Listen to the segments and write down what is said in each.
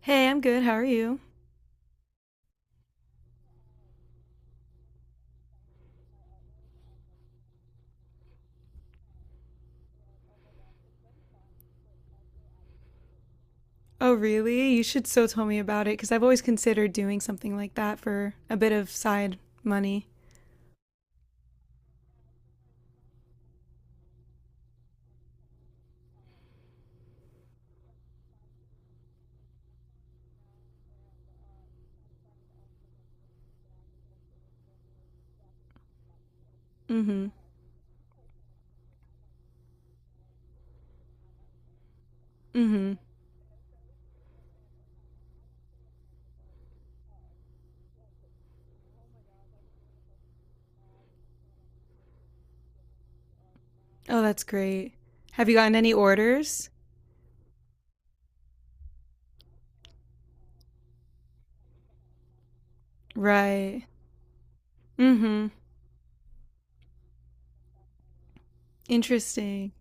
Hey, I'm good. How are you? Oh, really? You should so tell me about it because I've always considered doing something like that for a bit of side money. Mm hmm. Mm hmm. Oh, that's great. Have you gotten any orders? Right. Mm hmm. Interesting.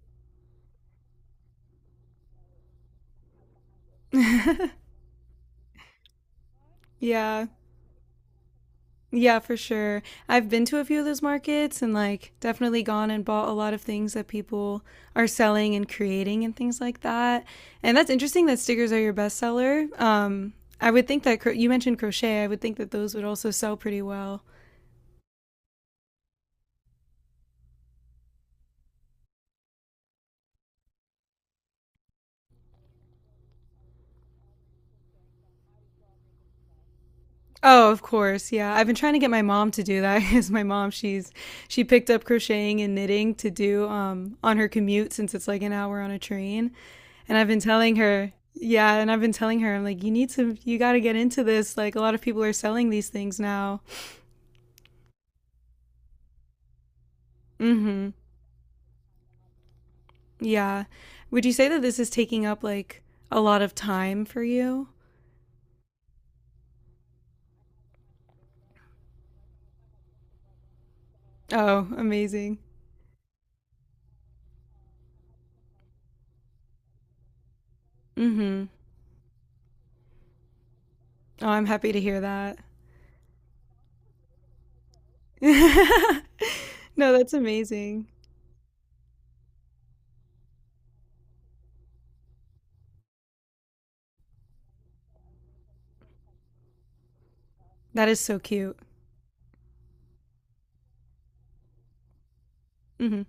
yeah, Yeah, for sure. I've been to a few of those markets and like definitely gone and bought a lot of things that people are selling and creating and things like that. And that's interesting that stickers are your bestseller. I would think that you mentioned crochet. I would think that those would also sell pretty well. Oh, of course. Yeah. I've been trying to get my mom to do that because my mom, she picked up crocheting and knitting to do, on her commute since it's like an hour on a train. And I've been telling her, yeah, and I've been telling her, I'm like, you got to get into this. Like, a lot of people are selling these things now. Mm hmm. Yeah. Would you say that this is taking up like a lot of time for you? Oh, amazing. Mm hmm. Oh, I'm happy to hear that. No, that's amazing. That is so cute. Mm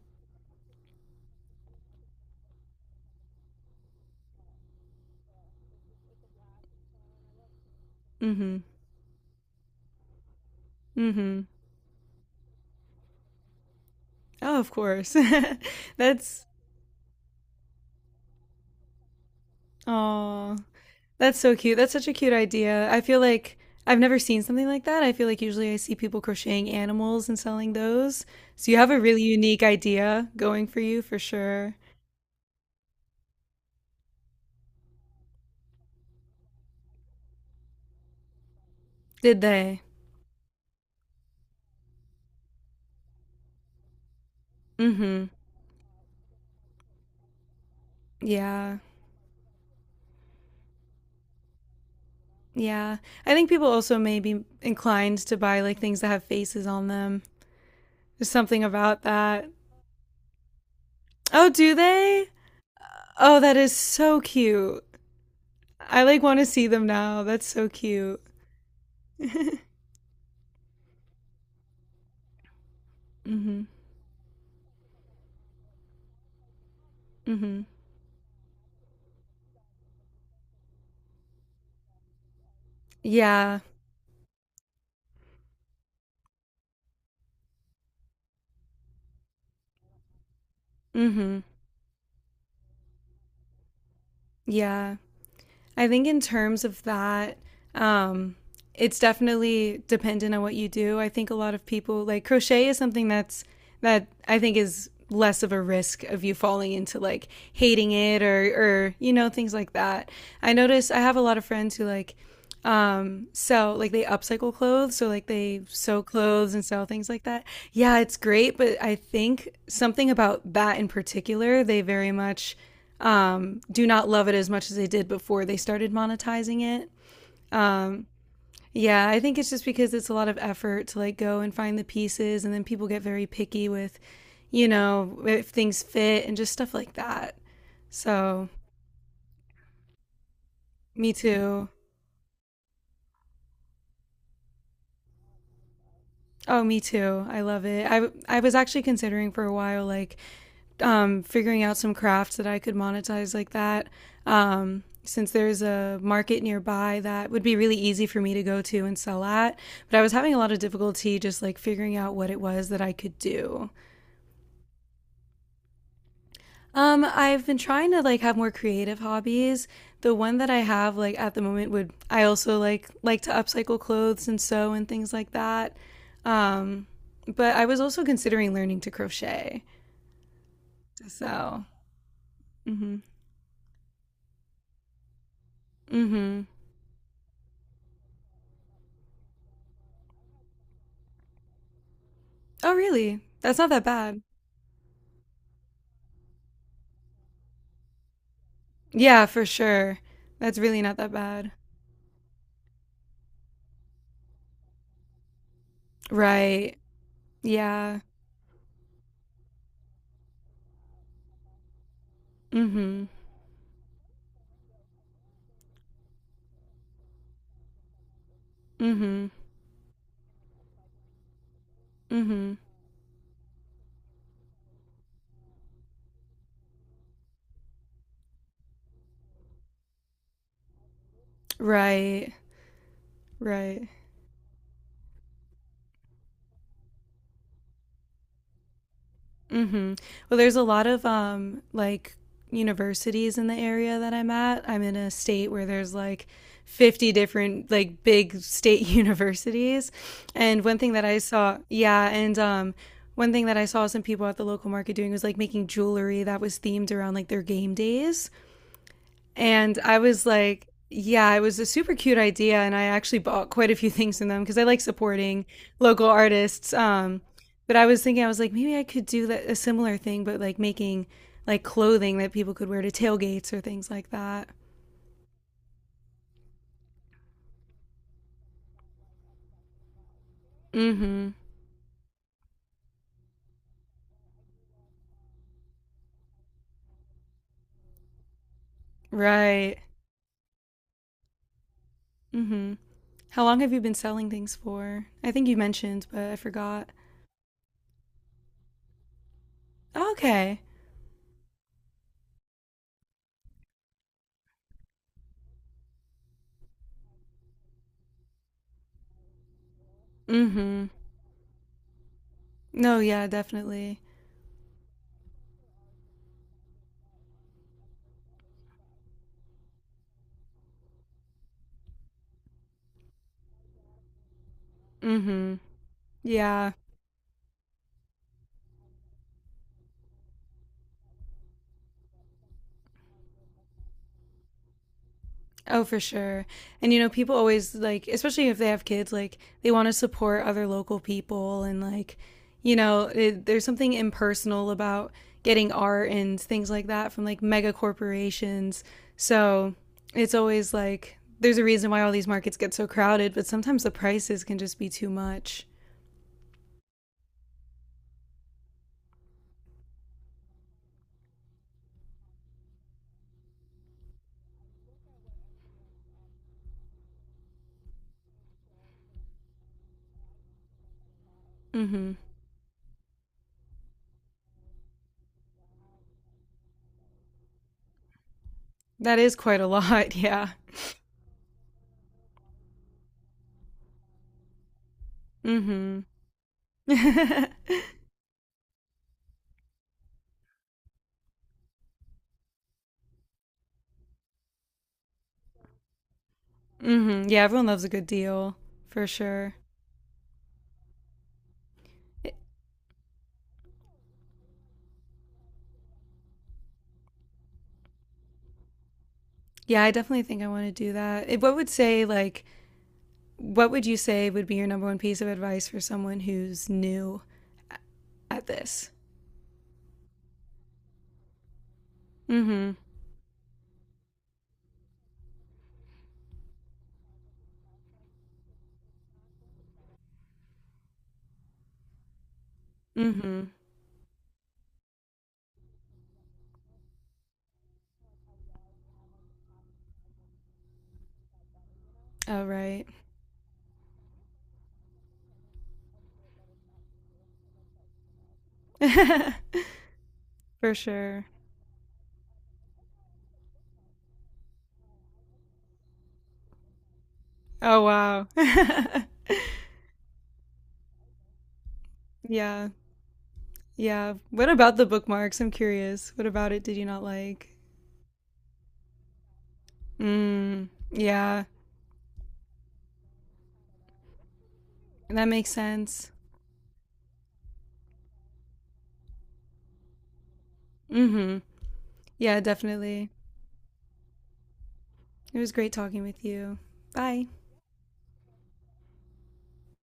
hmm. Mm hmm. Mm hmm. Oh, of course. that's, oh, That's so cute. That's such a cute idea. I feel like I've never seen something like that. I feel like usually I see people crocheting animals and selling those. So you have a really unique idea going for you for sure. Did they? Mm-hmm. Yeah. Yeah. I think people also may be inclined to buy like things that have faces on them. There's something about that. Oh, do they? Oh, that is so cute. I like want to see them now. That's so cute. Mm-hmm. Mm-hmm. Yeah. Mm-hmm. Yeah. I think in terms of that, um, it's definitely dependent on what you do. I think a lot of people like crochet is something that I think is less of a risk of you falling into like hating it, or you know, things like that. I notice I have a lot of friends who sell, like they upcycle clothes, so like they sew clothes and sell things like that. Yeah, it's great, but I think something about that in particular, they very much, do not love it as much as they did before they started monetizing it. Um, yeah, I think it's just because it's a lot of effort to like go and find the pieces, and then people get very picky with, if things fit and just stuff like that. So, me too. Oh, me too. I love it. I was actually considering for a while like figuring out some crafts that I could monetize like that. Since there's a market nearby that would be really easy for me to go to and sell at, but I was having a lot of difficulty just like figuring out what it was that I could do. I've been trying to like have more creative hobbies. The one that I have like at the moment would, I also like to upcycle clothes and sew and things like that. Um, but I was also considering learning to crochet. So, mm-hmm. Mm-hmm. Oh, really? That's not that bad. Yeah, for sure. That's really not that bad. Right. Yeah. Mm-hmm. Mm-hmm. Mm-hmm. Right. Right. Mm-hmm. Well, there's a lot of like universities in the area that I'm at. I'm in a state where there's like 50 different like big state universities. And one thing that I saw some people at the local market doing was like making jewelry that was themed around like their game days. And I was like, yeah, it was a super cute idea. And I actually bought quite a few things in them because I like supporting local artists. But I was thinking, I was like, maybe I could do that, a similar thing, but like making like clothing that people could wear to tailgates or things like that. Mm hmm. Right. Mm hmm. How long have you been selling things for? I think you mentioned, but I forgot. Okay. Mm hmm. No, yeah, definitely. Mm hmm. Yeah. Oh, for sure. And people always like, especially if they have kids, like they want to support other local people and like, there's something impersonal about getting art and things like that from like mega corporations. So it's always like there's a reason why all these markets get so crowded, but sometimes the prices can just be too much. Mm-hmm. That is quite a lot, yeah. Mm-hmm. mm-hmm. Yeah, everyone loves a good deal, for sure. Yeah, I definitely think I want to do that. What would you say would be your number one piece of advice for someone who's new at this? Hmm. Hmm. Oh, right. For sure. Oh, wow. Yeah. Yeah. What about the bookmarks? I'm curious. What about it did you not like? Mm. Yeah. That makes sense. Hmm. Yeah, definitely. It was great talking with you. Bye.